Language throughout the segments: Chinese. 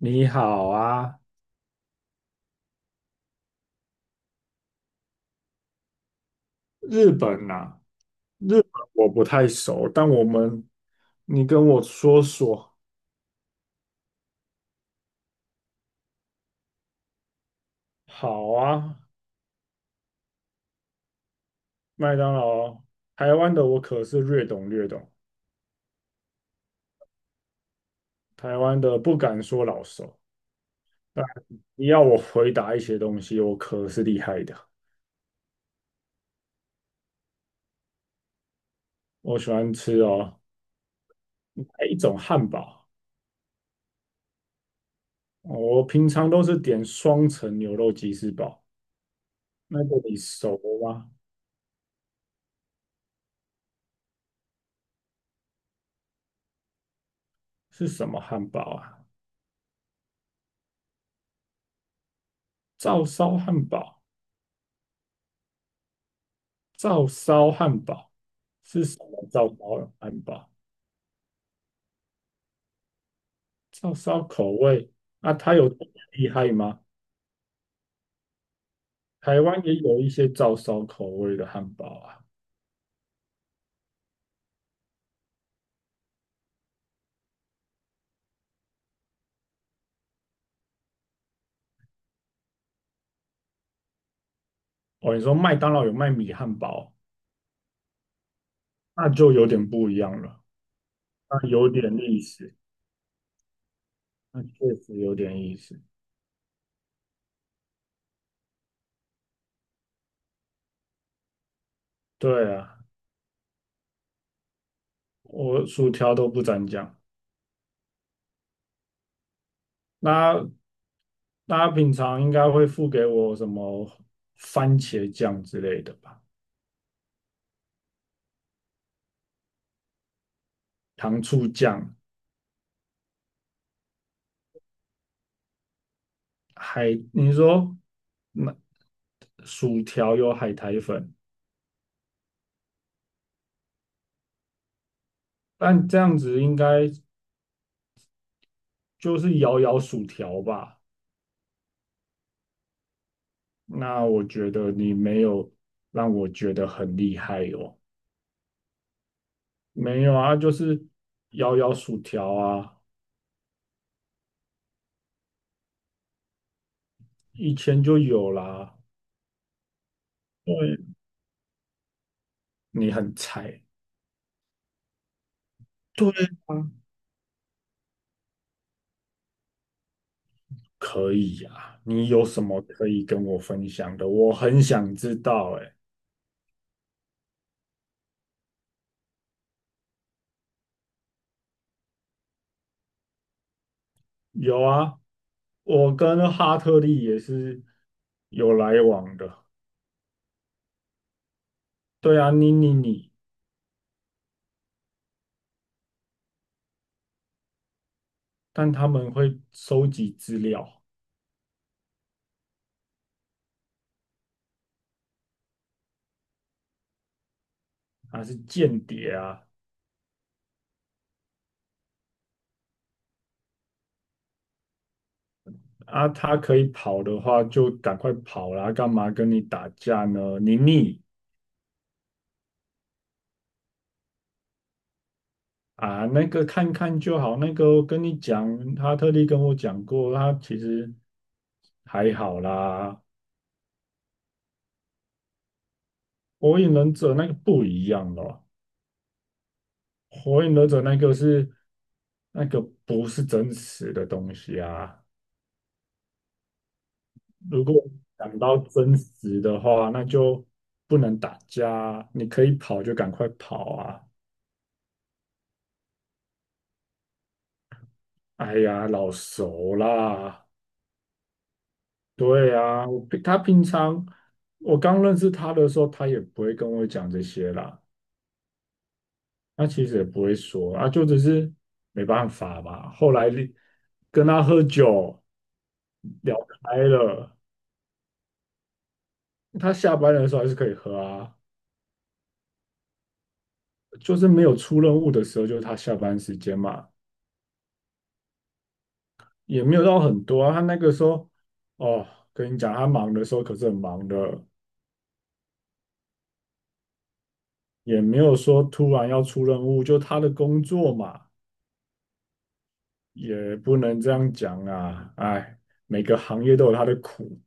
你好啊。日本啊，日本我不太熟，但我们，你跟我说说。好啊。麦当劳，台湾的我可是略懂略懂。台湾的不敢说老熟，但你要我回答一些东西，我可是厉害的。我喜欢吃哦，一种汉堡，我平常都是点双层牛肉吉士堡，那个你熟吗？是什么汉堡啊？照烧汉堡。照烧汉堡是什么？照烧汉堡，照烧口味。那它有这么厉害吗？台湾也有一些照烧口味的汉堡啊。哦，你说麦当劳有卖米汉堡，那就有点不一样了，那有点意思，那确实有点意思。对啊。我薯条都不沾酱。那大家平常应该会付给我什么番茄酱之类的吧？糖醋酱。海，你说那薯条有海苔粉，但这样子应该就是摇摇薯条吧？那我觉得你没有让我觉得很厉害哦。没有啊，就是摇摇薯条啊。以前就有啦。对。你很菜。对啊。可以呀、啊你有什么可以跟我分享的？我很想知道、欸，有啊，我跟哈特利也是有来往的。对啊，你，但他们会收集资料，他是间谍啊啊，他可以跑的话就赶快跑啦，干嘛跟你打架呢？你啊，那个看看就好，那个我跟你讲，哈特利跟我讲过，他其实还好啦。火影忍者那个不一样哦。火影忍者那个是那个不是真实的东西啊。如果讲到真实的话，那就不能打架啊，你可以跑就赶快跑啊！哎呀，老熟啦。对啊，他平常我刚认识他的时候，他也不会跟我讲这些啦。他其实也不会说啊，就只是没办法嘛。后来跟他喝酒聊开了。他下班的时候还是可以喝啊，就是没有出任务的时候，就是他下班时间嘛，也没有到很多啊。他那个时候，哦，跟你讲，他忙的时候可是很忙的，也没有说突然要出任务，就他的工作嘛，也不能这样讲啊。哎，每个行业都有他的苦，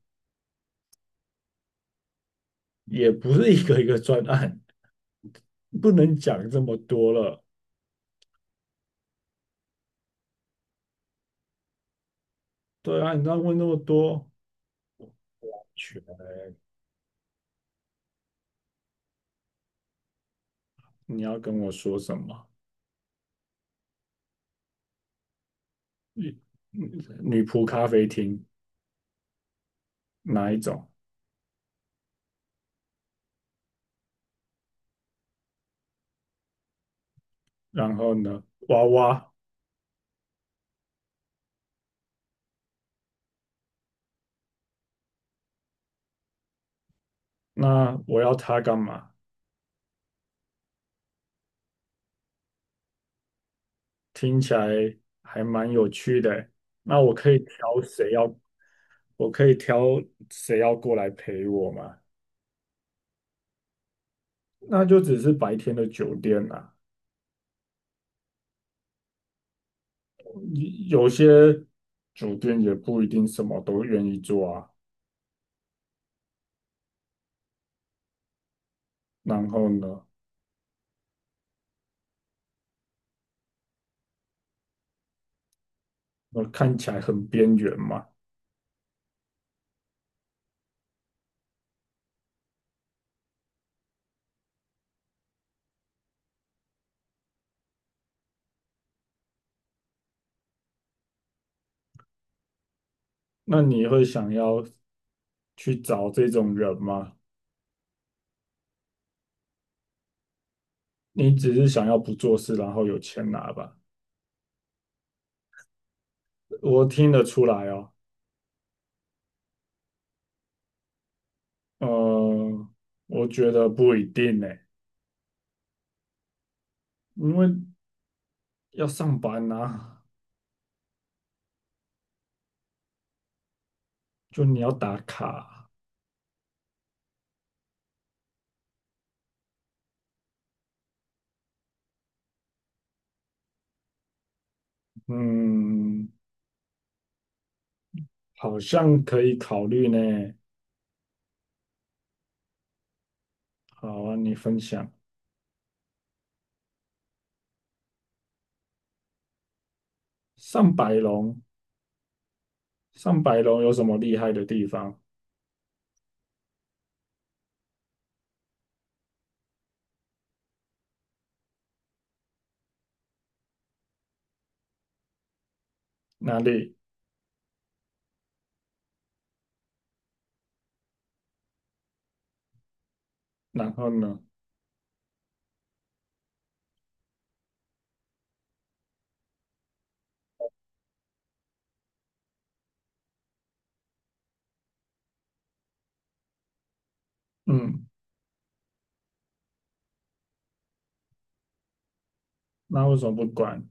也不是一个一个专案，不能讲这么多了。对啊，你这样问那么多。你要跟我说什么？女女仆咖啡厅。哪一种？然后呢，娃娃，那我要他干嘛？听起来还蛮有趣的欸。那我可以挑谁要，我可以挑谁要过来陪我吗？那就只是白天的酒店啦。有些酒店也不一定什么都愿意做啊。然后呢，我看起来很边缘嘛。那你会想要去找这种人吗？你只是想要不做事，然后有钱拿吧？我听得出来哦。呃，我觉得不一定呢，因为要上班呐、就你要打卡。嗯，好像可以考虑呢。好啊，你分享。上百龙，上百龙有什么厉害的地方？哪里？然后呢？嗯，那为什么不管？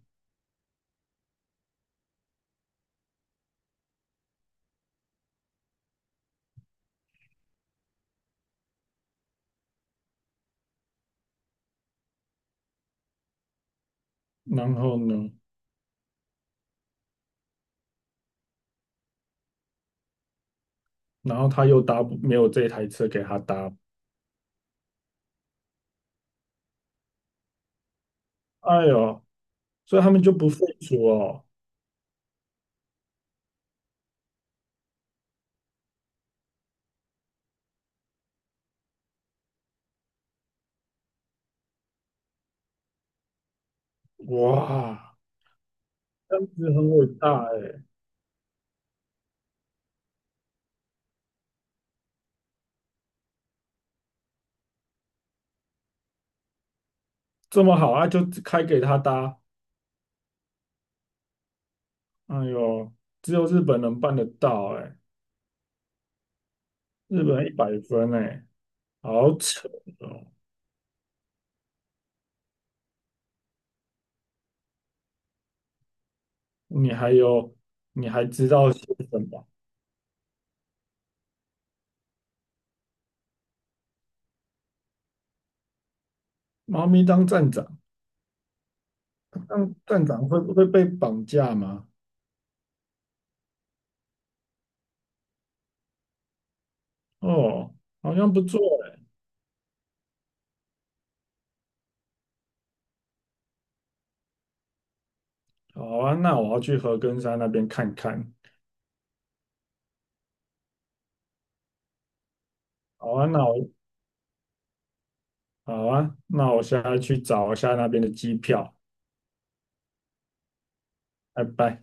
然后呢？然后他又搭不，没有这台车给他搭，哎呦，所以他们就不废除哦。哇，这样子很伟大哎。这么好啊，就开给他搭。哎呦，只有日本能办得到哎、日本100分哎、好扯哦！你还有，你还知道些什么？猫咪当站长，当站长会不会被绑架吗？哦，好像不错哎、好啊，那我要去和根山那边看看。好啊，那我现在去找一下那边的机票。拜拜。